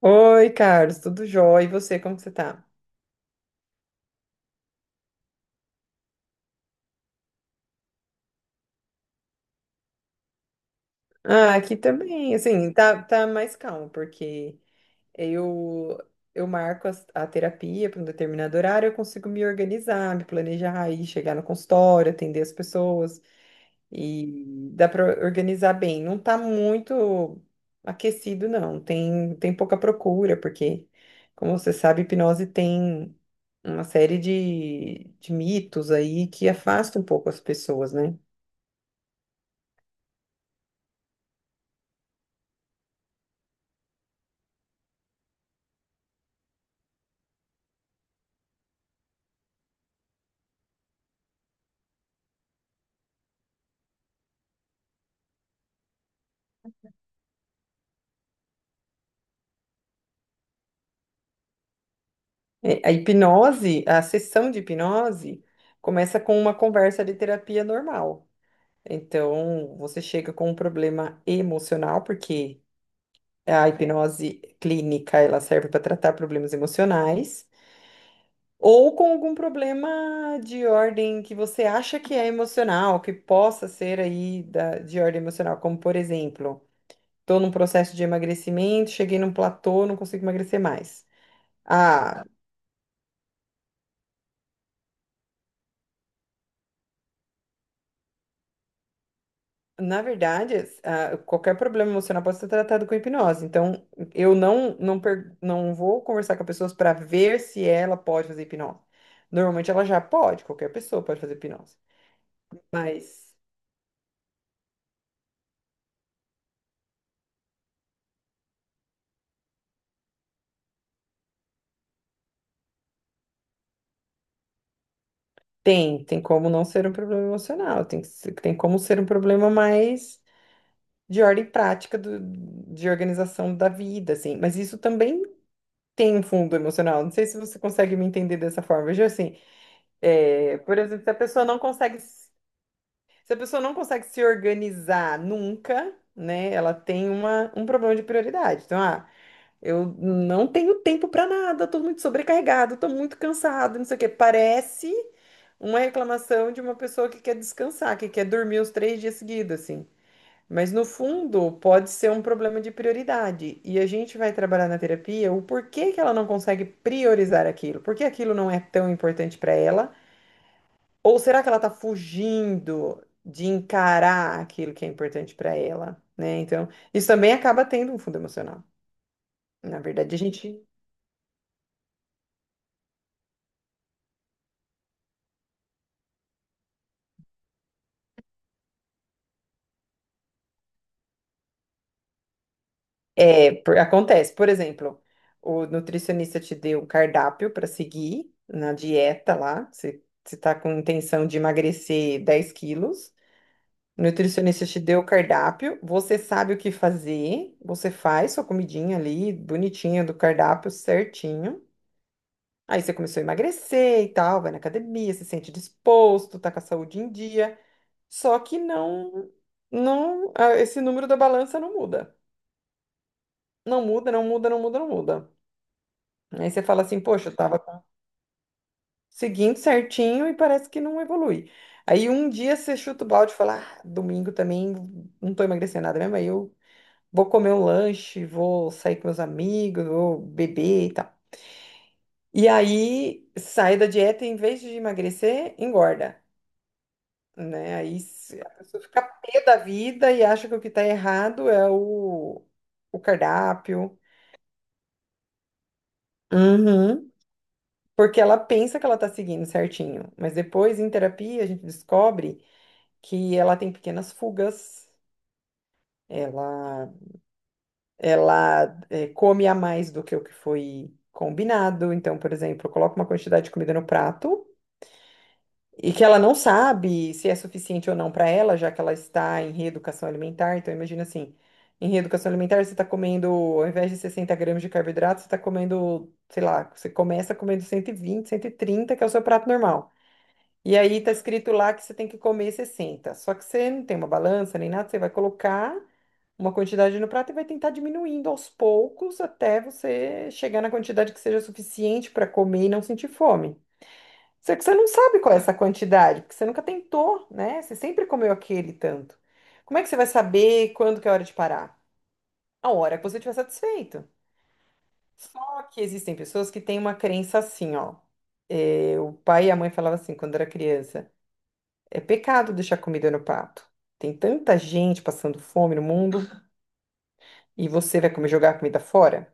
Oi, Carlos, tudo jóia? E você, como que você tá? Ah, aqui também, assim, tá, tá mais calmo, porque eu eu marco a terapia para um determinado horário, eu consigo me organizar, me planejar, aí chegar no consultório, atender as pessoas, e dá para organizar bem. Não tá muito aquecido, não, tem, tem pouca procura, porque, como você sabe, hipnose tem uma série de mitos aí que afasta um pouco as pessoas, né? A hipnose, a sessão de hipnose, começa com uma conversa de terapia normal. Então, você chega com um problema emocional, porque a hipnose clínica, ela serve para tratar problemas emocionais, ou com algum problema de ordem que você acha que é emocional, que possa ser de ordem emocional, como por exemplo, estou num processo de emagrecimento, cheguei num platô, não consigo emagrecer mais. Ah, Na verdade, qualquer problema emocional pode ser tratado com hipnose. Então, eu não vou conversar com as pessoas para ver se ela pode fazer hipnose. Normalmente ela já pode, qualquer pessoa pode fazer hipnose. Mas tem, tem como não ser um problema emocional, tem, tem como ser um problema mais de ordem prática do, de organização da vida, assim. Mas isso também tem um fundo emocional. Não sei se você consegue me entender dessa forma. Veja assim, é, por exemplo, Se a pessoa não consegue se organizar nunca, né? Ela tem uma, um problema de prioridade. Então, ah, eu não tenho tempo para nada, tô muito sobrecarregado, tô muito cansado, não sei o quê. Parece uma reclamação de uma pessoa que quer descansar, que quer dormir os 3 dias seguidos, assim. Mas no fundo, pode ser um problema de prioridade. E a gente vai trabalhar na terapia o porquê que ela não consegue priorizar aquilo, porque aquilo não é tão importante para ela ou será que ela está fugindo de encarar aquilo que é importante para ela, né? Então, isso também acaba tendo um fundo emocional. Na verdade, a gente é, acontece, por exemplo, o nutricionista te deu um cardápio para seguir na dieta lá, você tá com intenção de emagrecer 10 quilos. O nutricionista te deu o cardápio, você sabe o que fazer, você faz sua comidinha ali, bonitinha do cardápio, certinho. Aí você começou a emagrecer e tal, vai na academia, se sente disposto, tá com a saúde em dia. Só que não, não, ah, esse número da balança não muda. Não muda, não muda, não muda, não muda. Aí você fala assim, poxa, eu tava seguindo certinho e parece que não evolui. Aí um dia você chuta o balde e fala, ah, domingo também não tô emagrecendo nada mesmo, aí eu vou comer um lanche, vou sair com meus amigos, vou beber e tal. E aí sai da dieta e em vez de emagrecer, engorda. Né? Aí se- A pessoa fica pé da vida e acha que o que tá errado é o cardápio. Uhum. Porque ela pensa que ela tá seguindo certinho, mas depois em terapia a gente descobre que ela tem pequenas fugas, ela, ela come a mais do que o que foi combinado. Então, por exemplo, coloca uma quantidade de comida no prato. E que ela não sabe se é suficiente ou não para ela, já que ela está em reeducação alimentar. Então, imagina assim: em reeducação alimentar, você está comendo, ao invés de 60 gramas de carboidrato, você está comendo, sei lá, você começa comendo 120, 130, que é o seu prato normal. E aí tá escrito lá que você tem que comer 60. Só que você não tem uma balança nem nada, você vai colocar uma quantidade no prato e vai tentar diminuindo aos poucos até você chegar na quantidade que seja suficiente para comer e não sentir fome. Só que você não sabe qual é essa quantidade, porque você nunca tentou, né? Você sempre comeu aquele tanto. Como é que você vai saber quando que é a hora de parar? A hora que você estiver satisfeito. Só que existem pessoas que têm uma crença assim, ó. É, o pai e a mãe falavam assim quando era criança: é pecado deixar comida no prato. Tem tanta gente passando fome no mundo e você vai comer jogar a comida fora?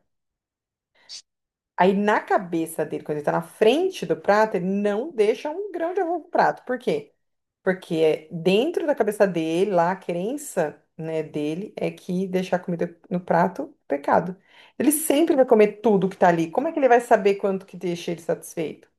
Aí na cabeça dele, quando ele tá na frente do prato, ele não deixa um grão de arroz no prato. Por quê? Porque é dentro da cabeça dele, lá, a crença, né, dele é que deixar comida no prato é pecado. Ele sempre vai comer tudo que tá ali. Como é que ele vai saber quanto que deixa ele satisfeito?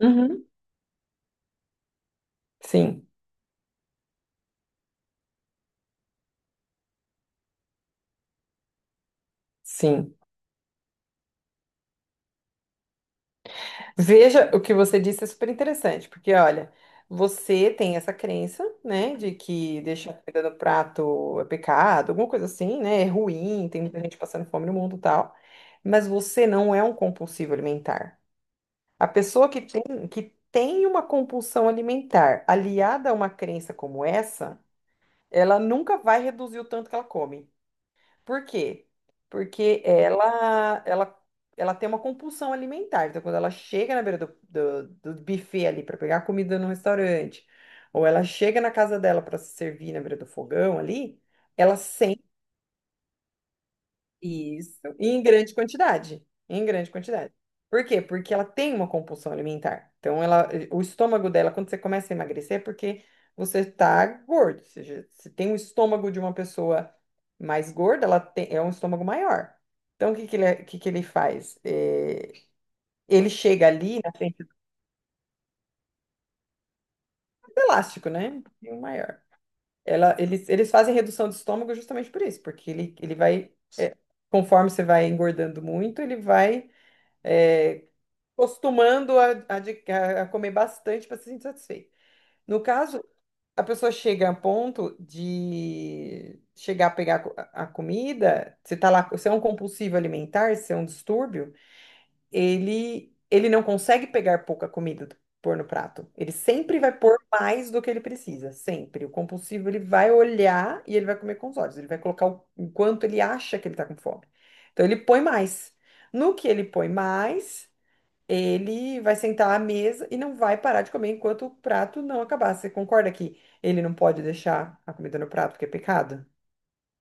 Uhum. Sim, sim. Veja, o que você disse é super interessante, porque olha, você tem essa crença, né, de que deixar comida no prato é pecado, alguma coisa assim, né, é ruim, tem muita gente passando fome no mundo e tal, mas você não é um compulsivo alimentar. A pessoa que tem uma compulsão alimentar aliada a uma crença como essa, ela nunca vai reduzir o tanto que ela come. Por quê? Porque ela tem uma compulsão alimentar. Então, quando ela chega na beira do buffet ali para pegar comida no restaurante, ou ela chega na casa dela para se servir na beira do fogão ali, ela isso, e em grande quantidade. Em grande quantidade. Por quê? Porque ela tem uma compulsão alimentar. Então, ela, o estômago dela, quando você começa a emagrecer, é porque você está gordo. Ou seja, se tem o estômago de uma pessoa mais gorda, ela tem, é um estômago maior. Então, o que que ele, é, o que que ele faz? É, ele chega ali na frente do elástico, né? E o maior. Ela, eles fazem redução do estômago justamente por isso, porque ele vai, é, conforme você vai engordando muito, ele vai é, costumando a comer bastante para se sentir satisfeito. No caso, a pessoa chega a ponto de chegar a pegar a comida, se tá lá, se é um compulsivo alimentar, se é um distúrbio, ele não consegue pegar pouca pôr no prato. Ele sempre vai pôr mais do que ele precisa, sempre. O compulsivo ele vai olhar e ele vai comer com os olhos, ele vai colocar o quanto ele acha que ele tá com fome. Então ele põe mais. No que ele põe mais ele vai sentar à mesa e não vai parar de comer enquanto o prato não acabar. Você concorda que ele não pode deixar a comida no prato, porque é pecado?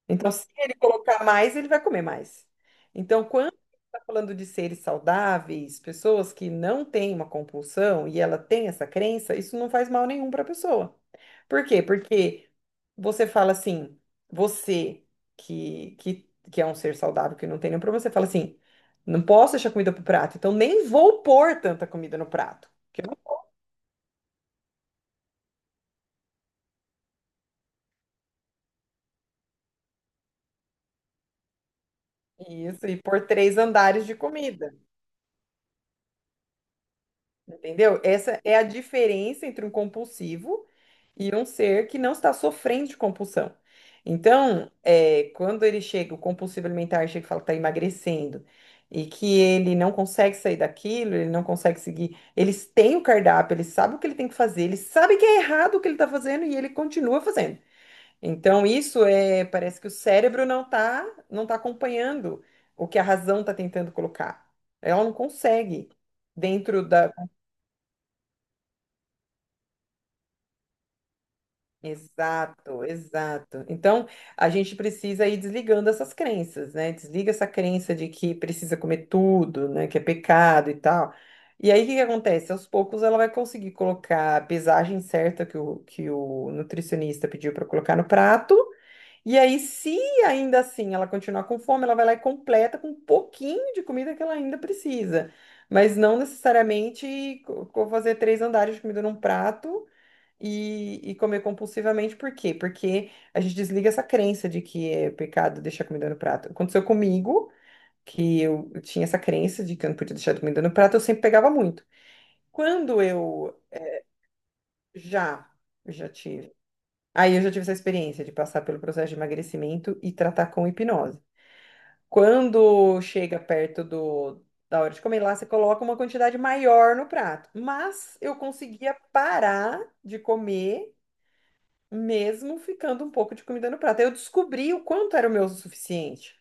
Então, se ele colocar mais, ele vai comer mais. Então, quando está falando de seres saudáveis, pessoas que não têm uma compulsão e ela tem essa crença, isso não faz mal nenhum para a pessoa. Por quê? Porque você fala assim, você que é um ser saudável, que não tem nenhum problema, você fala assim, não posso deixar comida pro prato, então nem vou pôr tanta comida no prato. Que eu não- Isso, e pôr 3 andares de comida. Entendeu? Essa é a diferença entre um compulsivo e um ser que não está sofrendo de compulsão. Então, é, quando ele chega, o compulsivo alimentar chega e fala que está emagrecendo e que ele não consegue sair daquilo, ele não consegue seguir. Eles têm o cardápio, eles sabem o que ele tem que fazer, eles sabem que é errado o que ele está fazendo e ele continua fazendo. Então, isso é, parece que o cérebro não tá acompanhando o que a razão está tentando colocar. Ela não consegue dentro da Exato, exato. Então, a gente precisa ir desligando essas crenças, né? Desliga essa crença de que precisa comer tudo, né? Que é pecado e tal. E aí, o que que acontece? Aos poucos, ela vai conseguir colocar a pesagem certa que que o nutricionista pediu para colocar no prato. E aí, se ainda assim ela continuar com fome, ela vai lá e completa com um pouquinho de comida que ela ainda precisa. Mas não necessariamente fazer 3 andares de comida num prato e comer compulsivamente, por quê? Porque a gente desliga essa crença de que é pecado deixar comida no prato. Aconteceu comigo, que eu tinha essa crença de que eu não podia deixar comida no prato, eu sempre pegava muito. Quando já, eu já tive. Aí Eu já tive essa experiência de passar pelo processo de emagrecimento e tratar com hipnose. Quando chega perto do, da hora de comer lá, você coloca uma quantidade maior no prato. Mas eu conseguia parar de comer mesmo ficando um pouco de comida no prato. Eu descobri o quanto era o meu o suficiente,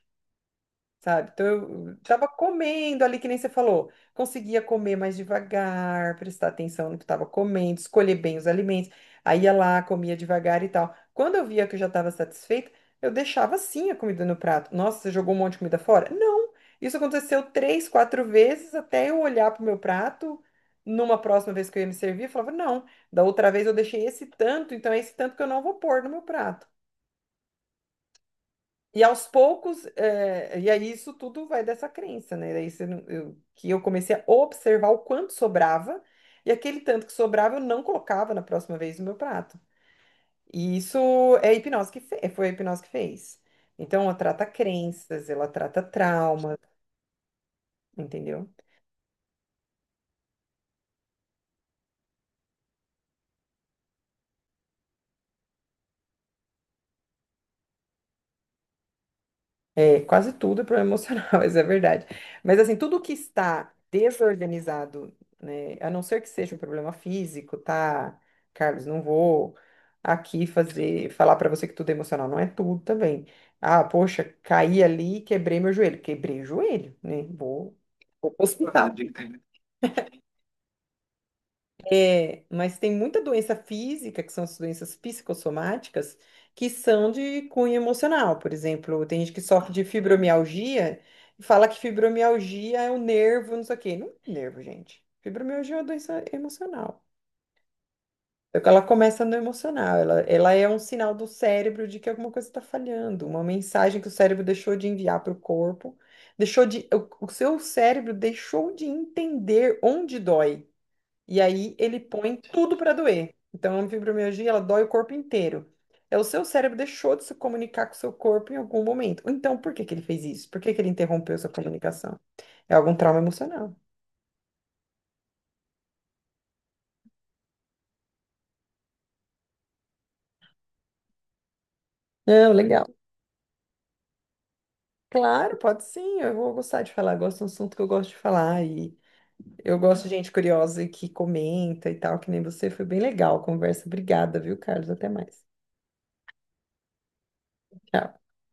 sabe? Então eu tava comendo ali, que nem você falou, conseguia comer mais devagar, prestar atenção no que estava comendo, escolher bem os alimentos, aí ia lá, comia devagar e tal. Quando eu via que eu já estava satisfeita, eu deixava sim a comida no prato. Nossa, você jogou um monte de comida fora? Não! Isso aconteceu três, quatro vezes até eu olhar para o meu prato. Numa próxima vez que eu ia me servir, eu falava, não, da outra vez eu deixei esse tanto, então é esse tanto que eu não vou pôr no meu prato. E aos poucos, e aí isso tudo vai dessa crença, né? Daí você não- eu- Que eu comecei a observar o quanto sobrava, e aquele tanto que sobrava eu não colocava na próxima vez no meu prato. E isso é a hipnose que fez, foi a hipnose que fez. Então, ela trata crenças, ela trata traumas, entendeu? É, quase tudo é problema emocional, isso é verdade. Mas assim, tudo que está desorganizado, né, a não ser que seja um problema físico, tá? Carlos, não vou aqui fazer, falar para você que tudo é emocional, não é tudo também. Ah, poxa, caí ali e quebrei meu joelho. Quebrei o joelho, né? Vou pro hospital. É, mas tem muita doença física, que são as doenças psicossomáticas, que são de cunho emocional. Por exemplo, tem gente que sofre de fibromialgia e fala que fibromialgia é o nervo, não sei o quê. Não é nervo, gente. Fibromialgia é uma doença emocional. É que ela começa no emocional, ela é um sinal do cérebro de que alguma coisa está falhando, uma mensagem que o cérebro deixou de enviar para o corpo, o seu cérebro deixou de entender onde dói. E aí ele põe tudo para doer. Então, a fibromialgia, ela dói o corpo inteiro. É, o seu cérebro deixou de se comunicar com o seu corpo em algum momento. Então, por que que ele fez isso? Por que que ele interrompeu essa comunicação? É algum trauma emocional. Não, legal. Claro, pode sim, eu vou gostar de falar. Gosto de um assunto que eu gosto de falar. E eu gosto de gente curiosa e que comenta e tal, que nem você. Foi bem legal a conversa. Obrigada, viu, Carlos? Até mais. Tchau.